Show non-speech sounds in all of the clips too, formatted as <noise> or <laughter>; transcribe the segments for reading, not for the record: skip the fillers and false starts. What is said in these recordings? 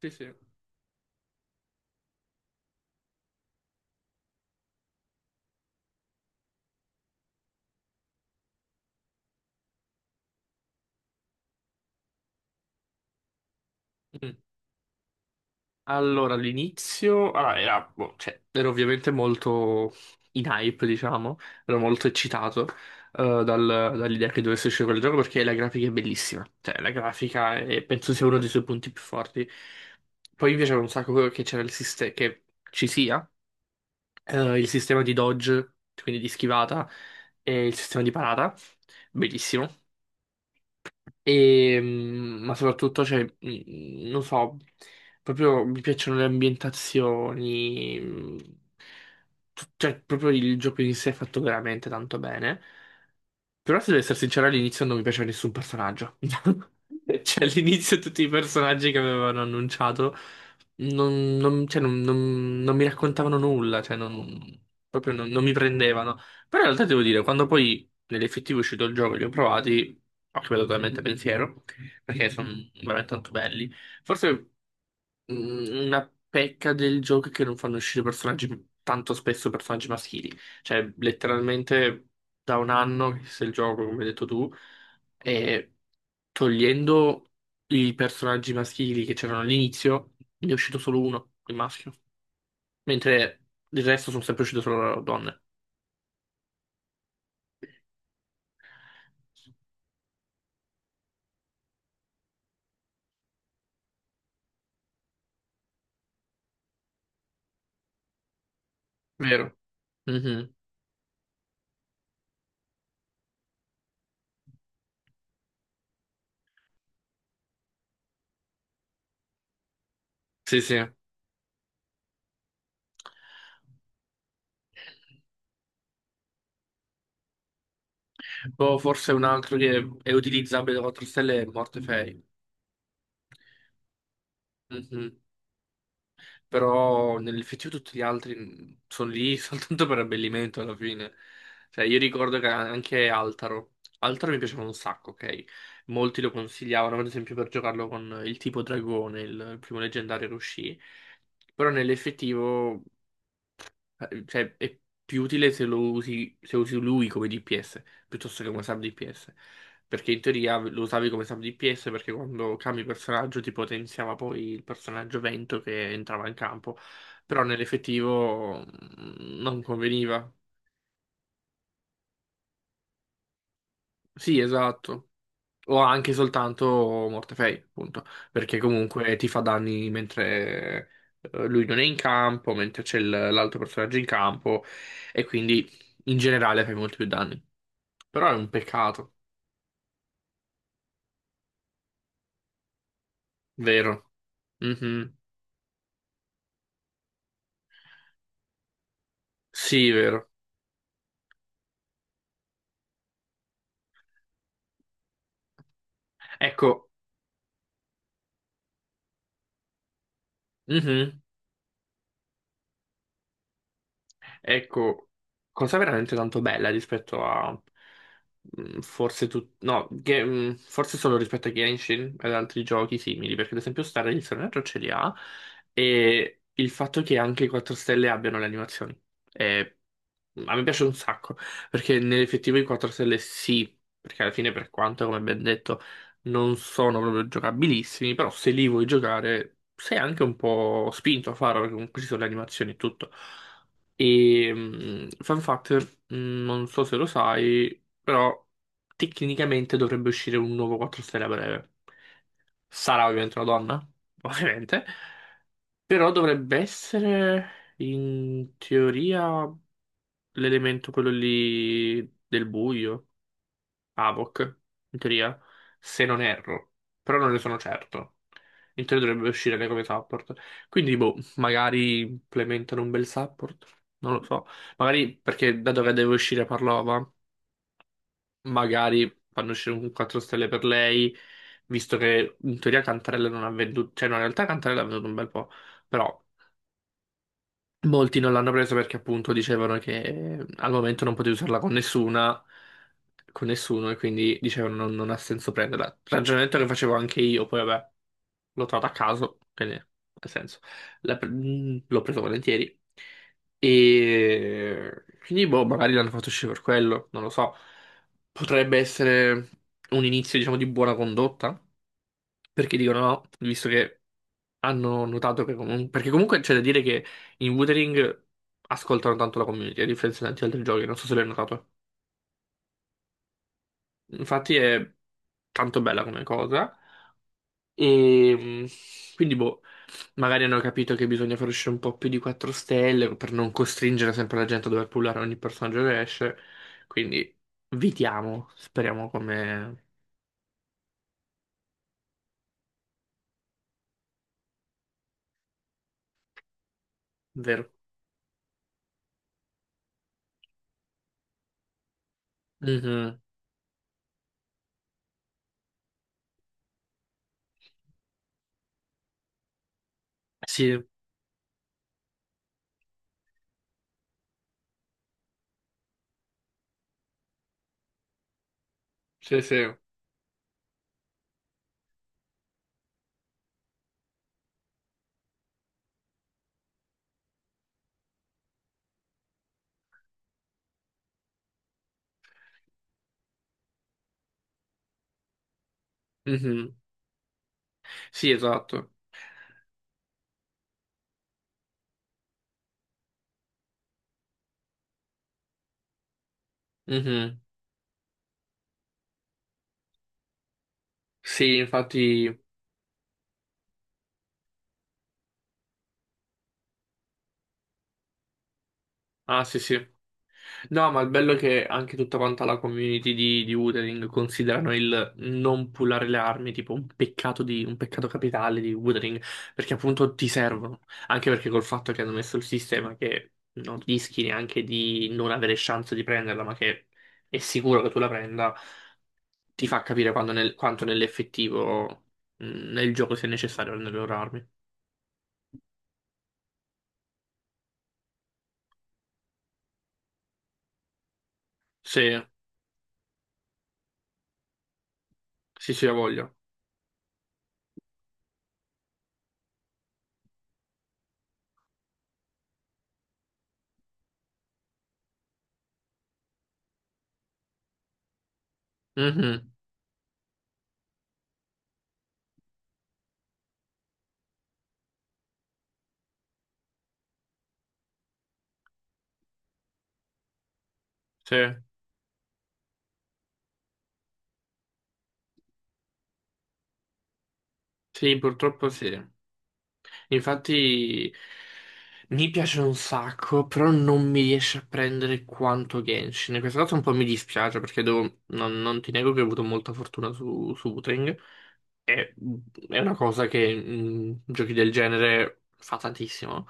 Sì, sì. Mm. Allora, all'inizio, allora, era, boh, cioè, ero ovviamente molto in hype, diciamo, ero molto eccitato, dall'idea che dovesse uscire quel gioco perché la grafica è bellissima, cioè la grafica penso sia uno dei suoi punti più forti. Poi mi piaceva un sacco che c'era il sistema, che ci sia il sistema di dodge, quindi di schivata, e il sistema di parata, bellissimo. E, ma soprattutto, cioè, non so, proprio mi piacciono le ambientazioni, cioè, proprio il gioco in sé è fatto veramente tanto bene. Però, se devo essere sincero, all'inizio non mi piaceva nessun personaggio. <laughs> Cioè, all'inizio tutti i personaggi che avevano annunciato non mi raccontavano nulla, cioè, proprio non mi prendevano. Però in realtà devo dire, quando poi nell'effettivo è uscito il gioco e li ho provati, ho cambiato totalmente pensiero perché sono veramente tanto belli. Forse, una pecca del gioco è che non fanno uscire personaggi tanto spesso, personaggi maschili. Cioè, letteralmente da un anno che se il gioco, come hai detto tu, e togliendo i personaggi maschili che c'erano all'inizio, ne è uscito solo uno, il maschio. Mentre il resto sono sempre uscite solo donne. Vero? Mhm. Sì, sì. Boh, forse un altro che è utilizzabile da 4 stelle è Mortefei. Mhm. Però nell'effettivo tutti gli altri sono lì <laughs> soltanto per abbellimento alla fine. Cioè, io ricordo che anche Altaro. Altaro mi piaceva un sacco, ok? Molti lo consigliavano, ad esempio, per giocarlo con il tipo dragone, il primo leggendario che uscì. Però nell'effettivo. Cioè, è più utile se lo usi, se usi lui come DPS piuttosto che come sub DPS. Perché in teoria lo usavi come sub DPS perché quando cambi personaggio ti potenziava poi il personaggio vento che entrava in campo. Però nell'effettivo, non conveniva. Sì, esatto. O anche soltanto Mortefei, appunto. Perché comunque ti fa danni mentre, lui non è in campo, mentre c'è l'altro personaggio in campo. E quindi in generale fai molti più danni. Però è un peccato, vero? Mhm. Sì, vero. Ecco. Mhm. Ecco, cosa veramente tanto bella rispetto a, forse tu, no, forse solo rispetto a Genshin ed altri giochi simili, perché ad esempio Star il personaggio ce li ha, e il fatto che anche i 4 stelle abbiano le animazioni è- a me piace un sacco, perché nell'effettivo i 4 stelle sì, perché alla fine, per quanto, come ben detto, non sono proprio giocabilissimi, però se li vuoi giocare sei anche un po' spinto a farlo, perché comunque ci sono le animazioni e tutto. E fun fact, mh, non so se lo sai, però tecnicamente dovrebbe uscire un nuovo 4 stelle a breve. Sarà ovviamente una donna, <laughs> ovviamente, però dovrebbe essere in teoria l'elemento quello lì del buio. Havok, in teoria, se non erro, però non ne sono certo. In teoria dovrebbe uscire anche come support. Quindi, boh, magari implementano un bel support, non lo so. Magari perché, dato che deve uscire Parlova, magari fanno uscire un 4 stelle per lei, visto che in teoria Cantarella non ha venduto, cioè no, in realtà Cantarella ha venduto un bel po'. Però molti non l'hanno presa perché appunto dicevano che, al momento non potevi usarla con nessuna, con nessuno e quindi dicevano non ha senso prenderla. Ragionamento che facevo anche io, poi vabbè, l'ho trovata a caso, quindi ha senso. L'ho preso volentieri. E quindi boh, magari l'hanno fatto uscire per quello, non lo so. Potrebbe essere un inizio, diciamo, di buona condotta, perché dicono no, visto che hanno notato che comunque. Perché comunque c'è da dire che. In Wuthering ascoltano tanto la community, a differenza di tanti altri giochi, non so se l'hai notato. Infatti è tanto bella come cosa. E quindi, boh, magari hanno capito che bisogna far uscire un po' più di 4 stelle per non costringere sempre la gente a dover pullare ogni personaggio che esce. Quindi, vitiamo, speriamo come vero. Mhm. Sì, sì, sì. Mhm. Sì, esatto. Mhm. Sì, infatti. Ah, sì, sì. No, ma il bello è che anche tutta quanta la community di Wuthering considerano il non pullare le armi tipo un peccato, un peccato capitale di Wuthering, perché appunto ti servono, anche perché col fatto che hanno messo il sistema che non rischi neanche di non avere chance di prenderla, ma che è sicuro che tu la prenda, ti fa capire quando, quanto nell'effettivo, mh, nel gioco sia necessario prendere le loro armi. Sì, sì, sì, ha voglia. Mhm. Sì, sì, purtroppo sì. Infatti mi piace un sacco, però non mi riesce a prendere quanto Genshin. E questa cosa un po' mi dispiace, perché non ti nego che ho avuto molta fortuna su Wuthering. E, è una cosa che in giochi del genere fa tantissimo.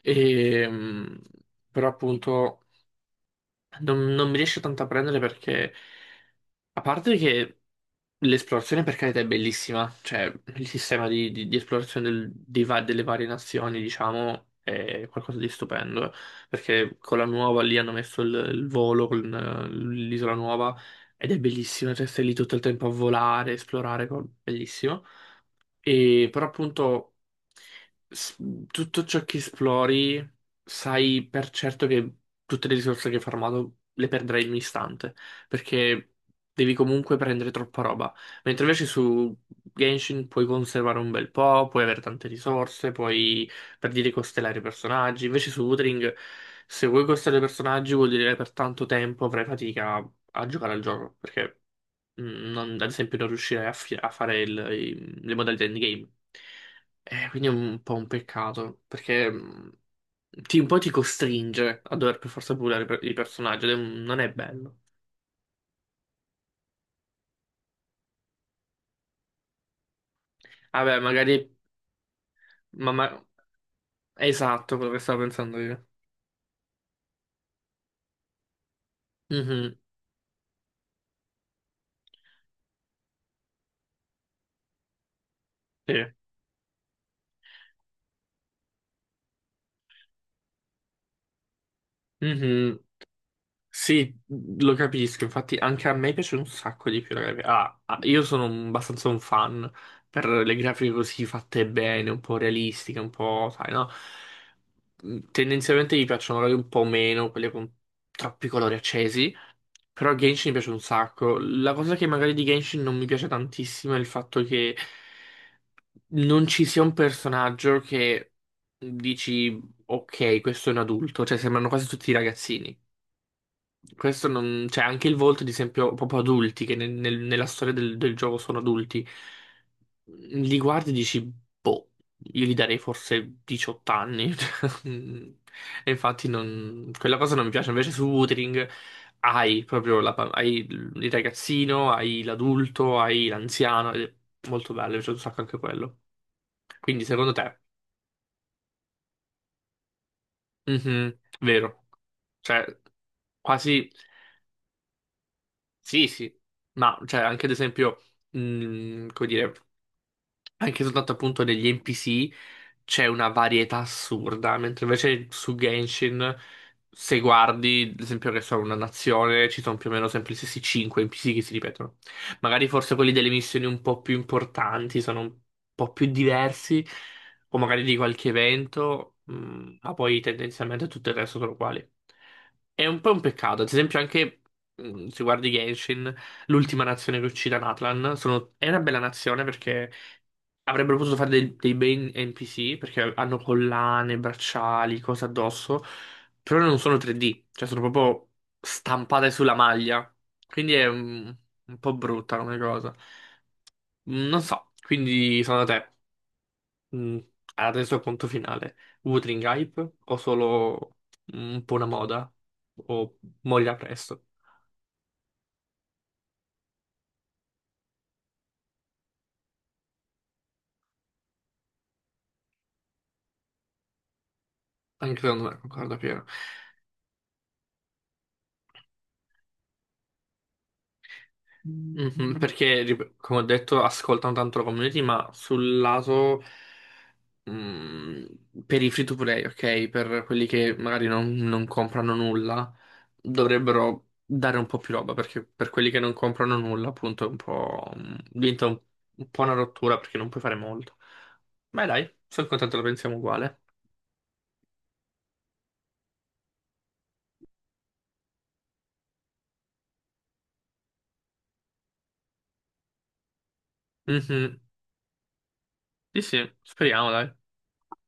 E, però appunto non mi riesce tanto a prendere, perché, a parte che l'esplorazione per carità è bellissima, cioè il sistema di esplorazione delle varie nazioni, diciamo, è qualcosa di stupendo, perché con la nuova lì hanno messo il volo con, l'isola nuova ed è bellissima, cioè stai lì tutto il tempo a volare, esplorare, bellissimo. E però appunto s- tutto ciò che esplori, sai per certo che tutte le risorse che hai farmato le perderai in un istante, perché devi comunque prendere troppa roba. Mentre invece su Genshin puoi conservare un bel po', puoi avere tante risorse, puoi per dire costellare i personaggi. Invece su Wuthering, se vuoi costellare i personaggi vuol dire che per tanto tempo avrai fatica a giocare al gioco, perché, ad esempio non riuscirei a fare le modalità endgame. Quindi è un po' un peccato, perché, un po' ti costringe a dover per forza pulire, i personaggi, ed è, non è bello. Vabbè, magari. Ma, ma- è esatto quello che stavo pensando io. Mhm, sì. Mhm. Sì, lo capisco, infatti anche a me piace un sacco di più la grafica. Ah, ah, io sono, abbastanza un fan per le grafiche così fatte bene, un po' realistiche, un po', sai, no? Tendenzialmente mi piacciono magari un po' meno quelle con troppi colori accesi, però Genshin mi piace un sacco. La cosa che magari di Genshin non mi piace tantissimo è il fatto che non ci sia un personaggio che dici, ok, questo è un adulto, cioè sembrano quasi tutti ragazzini. Questo non. Cioè, anche il volto, ad esempio, proprio adulti, che nella storia del gioco sono adulti, li guardi e dici, boh, io gli darei forse 18 anni. <laughs> E infatti non. Quella cosa non mi piace. Invece su Wuthering hai proprio la pa- hai il ragazzino, hai l'adulto, hai l'anziano, ed è molto bello, mi piace un sacco anche quello. Quindi, secondo te, mhm, vero, cioè, quasi. Sì, sì, ma cioè anche ad esempio, come dire, anche soltanto appunto degli NPC c'è una varietà assurda, mentre invece su Genshin, se guardi, ad esempio, che sono una nazione, ci sono più o meno sempre gli stessi 5 NPC che si ripetono. Magari forse quelli delle missioni un po' più importanti sono un po' più diversi, o magari di qualche evento, ma poi tendenzialmente tutto il resto sono uguali. È un po' un peccato, ad esempio anche, se guardi Genshin, l'ultima nazione che uccide Natlan, sono. È una bella nazione perché avrebbero potuto fare dei bei NPC, perché hanno collane, bracciali, cose addosso, però non sono 3D, cioè sono proprio stampate sulla maglia. Quindi è un po' brutta come cosa. Non so, quindi secondo te, mm, adesso conto finale, Wuthering Hype o solo un po' una moda o moglia presto? Anche secondo me, concordo Piero. Mhm, perché, come ho detto, ascoltano tanto la community, ma sul lato, mm, per i free to play, ok? Per quelli che magari non comprano nulla, dovrebbero dare un po' più roba, perché per quelli che non comprano nulla, appunto, è un po'. Diventa un po' una rottura perché non puoi fare molto. Ma dai, sono contento, lo pensiamo uguale. Mhm. Sì, sì, speriamo, dai.